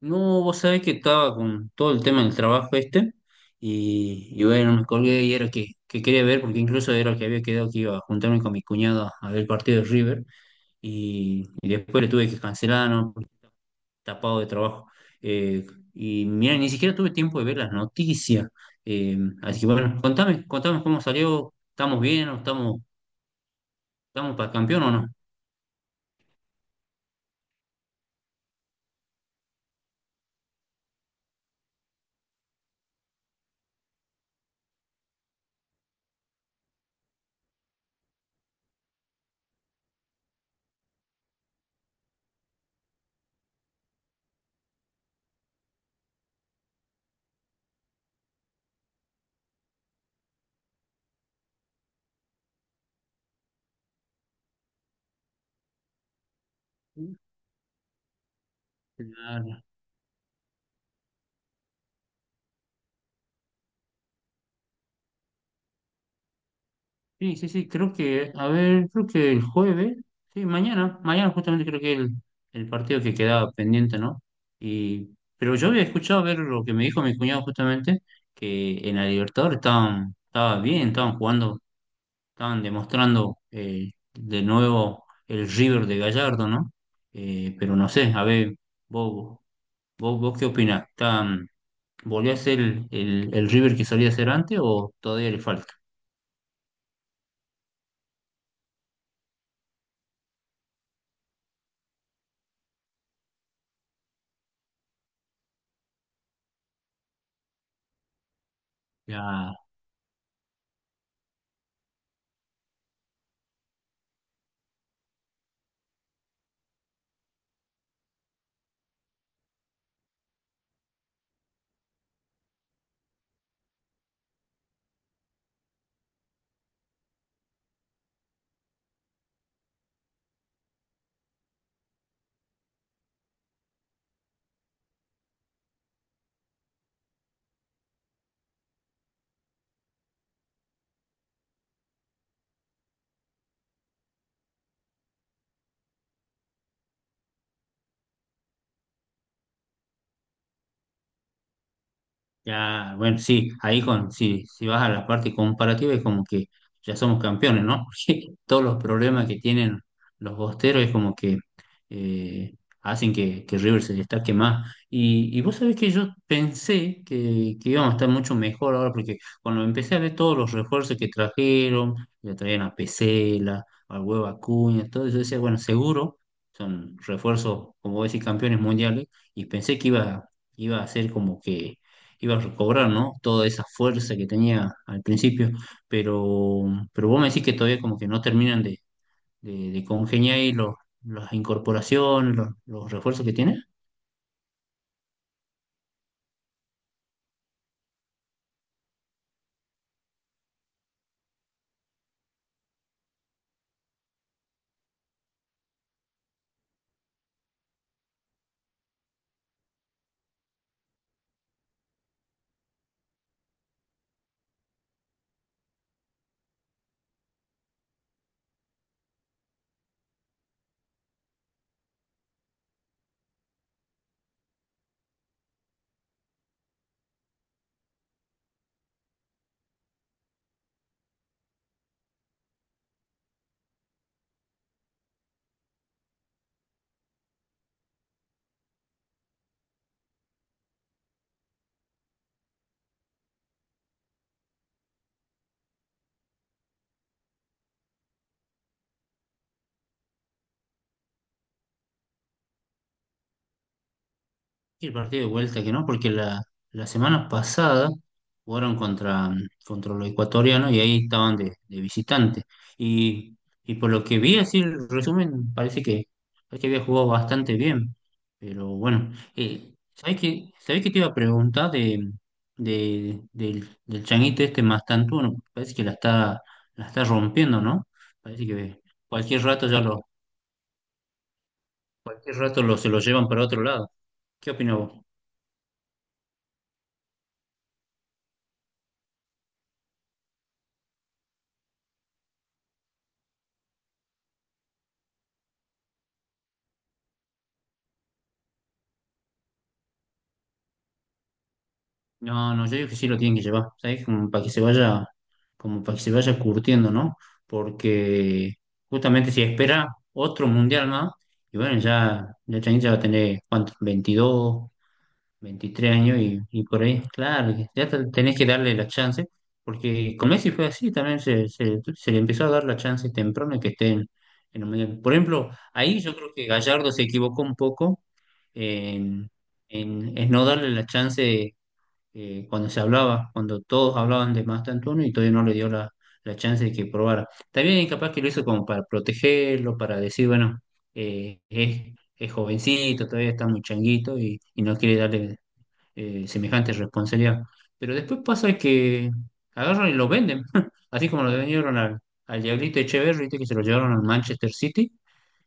No, vos sabés que estaba con todo el tema del trabajo este y bueno, me colgué y era que quería ver, porque incluso era que había quedado que iba a juntarme con mi cuñada a ver el partido de River y después le tuve que cancelar, ¿no? Porque tapado de trabajo. Eh, y mira, ni siquiera tuve tiempo de ver las noticias. Así que bueno, contame cómo salió. ¿Estamos bien o estamos para campeón o no? Claro. Sí, sí, sí, creo que, a ver, creo que el jueves. Sí, mañana justamente creo que el partido que quedaba pendiente, ¿no? Y, pero yo había escuchado ver lo que me dijo mi cuñado justamente, que en la Libertadores estaba bien, estaban jugando, estaban demostrando, de nuevo el River de Gallardo, ¿no? Pero no sé, a ver, vos, vos qué opinás. Volvió a ser el River que solía ser antes o todavía le falta? Ya, ya, bueno. Sí, ahí sí, si vas a la parte comparativa, es como que ya somos campeones, ¿no? Porque todos los problemas que tienen los bosteros es como que, eh, hacen que River se destaque más. Y vos sabés que yo pensé que íbamos a estar mucho mejor ahora, porque cuando empecé a ver todos los refuerzos que trajeron, ya traían a Pesela, al Huevo Acuña, todo eso, yo decía, bueno, seguro son refuerzos, como vos decís, campeones mundiales, y pensé que iba a ser como que iba a recobrar, ¿no? Toda esa fuerza que tenía al principio, pero, pero vos me decís que todavía como que no terminan de congeniar ahí las incorporaciones, los refuerzos que tiene. Y el partido de vuelta que no, porque la semana pasada jugaron contra los ecuatorianos y ahí estaban de visitante. Y, y por lo que vi, así el resumen, parece que había jugado bastante bien. Pero bueno, ¿ sabés qué te iba a preguntar del changuito este Mastantuono? Parece que la está rompiendo, ¿no? Parece que cualquier rato ya lo, cualquier rato lo, se lo llevan para otro lado. ¿Qué opinas vos? No, no, yo digo que sí lo tienen que llevar, ¿sabes? Como para que se vaya curtiendo, ¿no? Porque justamente si espera otro mundial más, y bueno, ya Chain ya va a tener, ¿cuánto? 22 23 años y por ahí, claro, que ya tenés que darle la chance, porque con Messi fue así, también se le empezó a dar la chance temprano que esté en el mundial. Por ejemplo, ahí yo creo que Gallardo se equivocó un poco en en no darle la chance, cuando todos hablaban de Master Antonio y todavía no le dio la chance de que probara. También capaz que lo hizo como para protegerlo, para decir, bueno, es jovencito, todavía está muy changuito y no quiere darle, semejante responsabilidad. Pero después pasa que agarran y lo venden, así como lo vendieron al Diablito Echeverri, ¿viste? Que se lo llevaron al Manchester City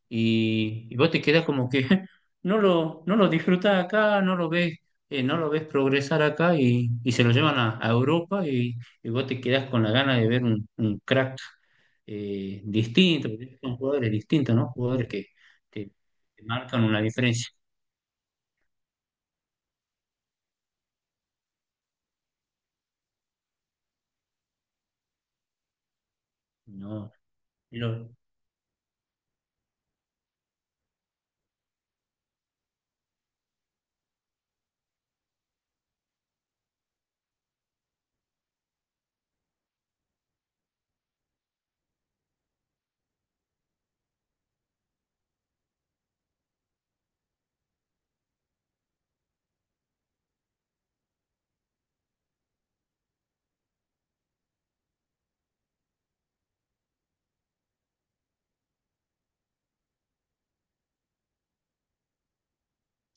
y vos te quedás como que, no lo disfrutás acá, no lo ves progresar acá, y se lo llevan a Europa, y vos te quedás con la gana de ver un crack, distinto, porque son jugadores distintos, ¿no? Jugadores que te, te marcan una diferencia. No, lo,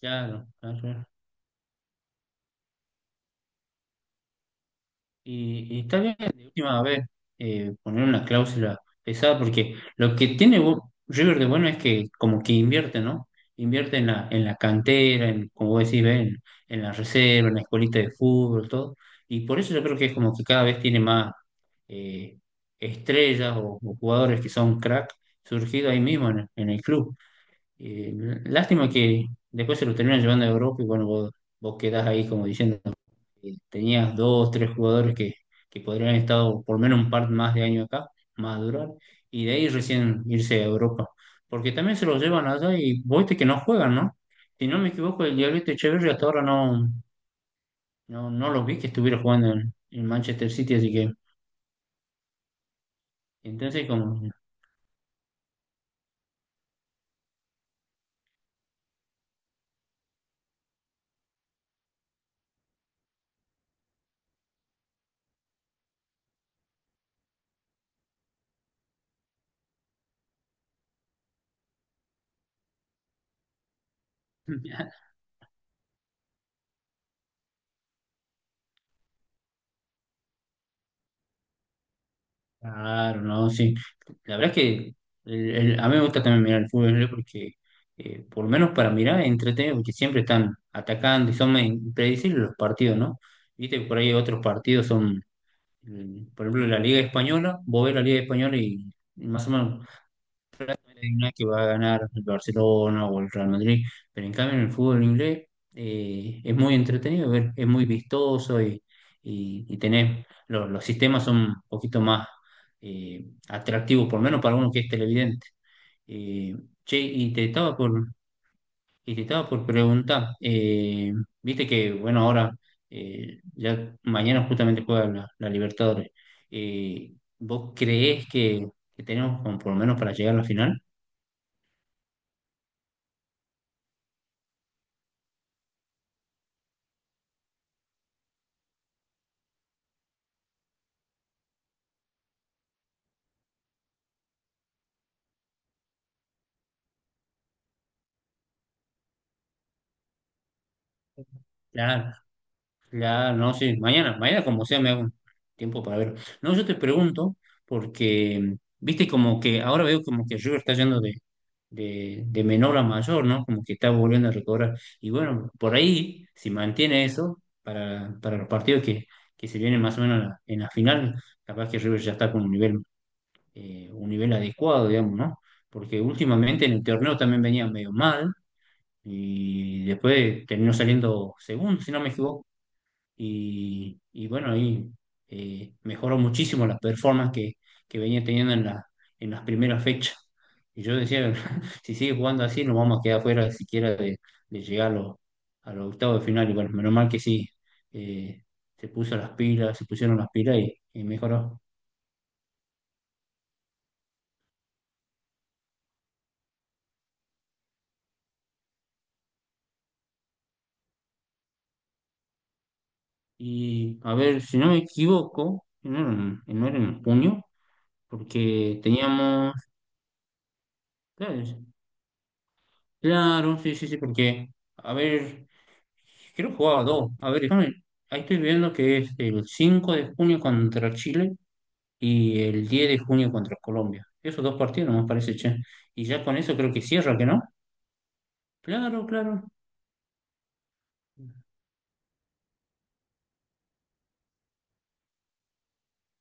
claro, claro. Claro. Y está bien, de última vez, poner una cláusula pesada, porque lo que tiene River de bueno es que como que invierte, ¿no? Invierte en la cantera, como vos decís, ¿ves? en la reserva, en la escuelita de fútbol, todo. Y por eso yo creo que es como que cada vez tiene más, eh, estrellas o jugadores que son crack, surgidos ahí mismo en el club. Eh, Lástima que después se los terminan llevando a Europa, y bueno, vos quedás ahí como diciendo, tenías dos, tres jugadores que podrían haber estado por lo menos un par más de años acá, madurar, y de ahí recién irse a Europa. Porque también se los llevan allá y vos viste que no juegan, ¿no? Si no me equivoco, el Diablito Echeverri hasta ahora no, no, no lo vi que estuviera jugando en Manchester City, así que entonces como Claro, no, sí. La verdad es que a mí me gusta también mirar el fútbol, ¿eh? Porque, por lo menos para mirar, es entretenido, porque siempre están atacando y son medio impredecibles los partidos, ¿no? Viste, por ahí otros partidos son, por ejemplo, la Liga Española, vos ves la Liga Española y más o menos hay una que va a ganar el Barcelona o el Real Madrid, pero en cambio en el fútbol inglés, es muy entretenido, ver, es muy vistoso, y tenés, los sistemas son un poquito más, atractivos, por lo menos para uno que es televidente. Eh, Che, y te estaba por preguntar, viste que, bueno, ahora, ya mañana justamente juega la Libertadores. Eh, ¿Vos creés que tenemos como por lo menos para llegar a la final? Claro. Claro, no, sí, mañana como sea me hago un tiempo para verlo. No, yo te pregunto, porque, viste, como que ahora veo como que River está yendo de menor a mayor, ¿no? Como que está volviendo a recobrar. Y bueno, por ahí, si mantiene eso, para los partidos que se vienen más o menos en la final, capaz que River ya está con un nivel adecuado, digamos, ¿no? Porque últimamente en el torneo también venía medio mal y después terminó saliendo segundo, si no me equivoco, y bueno, ahí, mejoró muchísimo las performance que venía teniendo en las primeras fechas. Y yo decía, si sigue jugando así, nos vamos a quedar fuera siquiera de llegar a los octavos de final. Y bueno, menos mal que sí, eh, se pusieron las pilas y mejoró. Y a ver, si no me equivoco, no era en junio, porque teníamos, claro, claro, sí, sí, sí, porque, a ver. Creo que jugaba dos. A ver, déjame. Ahí estoy viendo que es el 5 de junio contra Chile y el 10 de junio contra Colombia. Esos dos partidos no me parece, che. Y ya con eso creo que cierra, ¿que no? Claro, claro.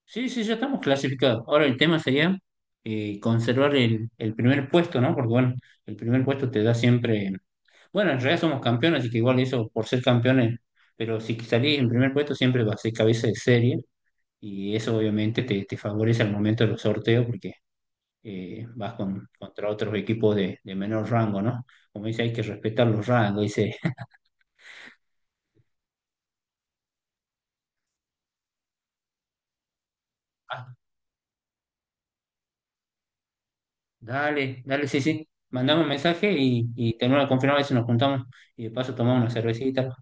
Sí, sí, ya estamos clasificados. Ahora el tema sería, conservar el primer puesto, ¿no? Porque bueno, el primer puesto te da siempre... Bueno, en realidad somos campeones, así que igual eso, por ser campeones, pero si salís en primer puesto siempre va a ser cabeza de serie y eso obviamente te favorece al momento de los sorteos, porque contra otros equipos de menor rango, ¿no? Como dice, hay que respetar los rangos, dice, "Ah, dale, dale, sí, sí, mandame un mensaje y tenemos la confirmar si nos juntamos y de paso tomamos una cervecita,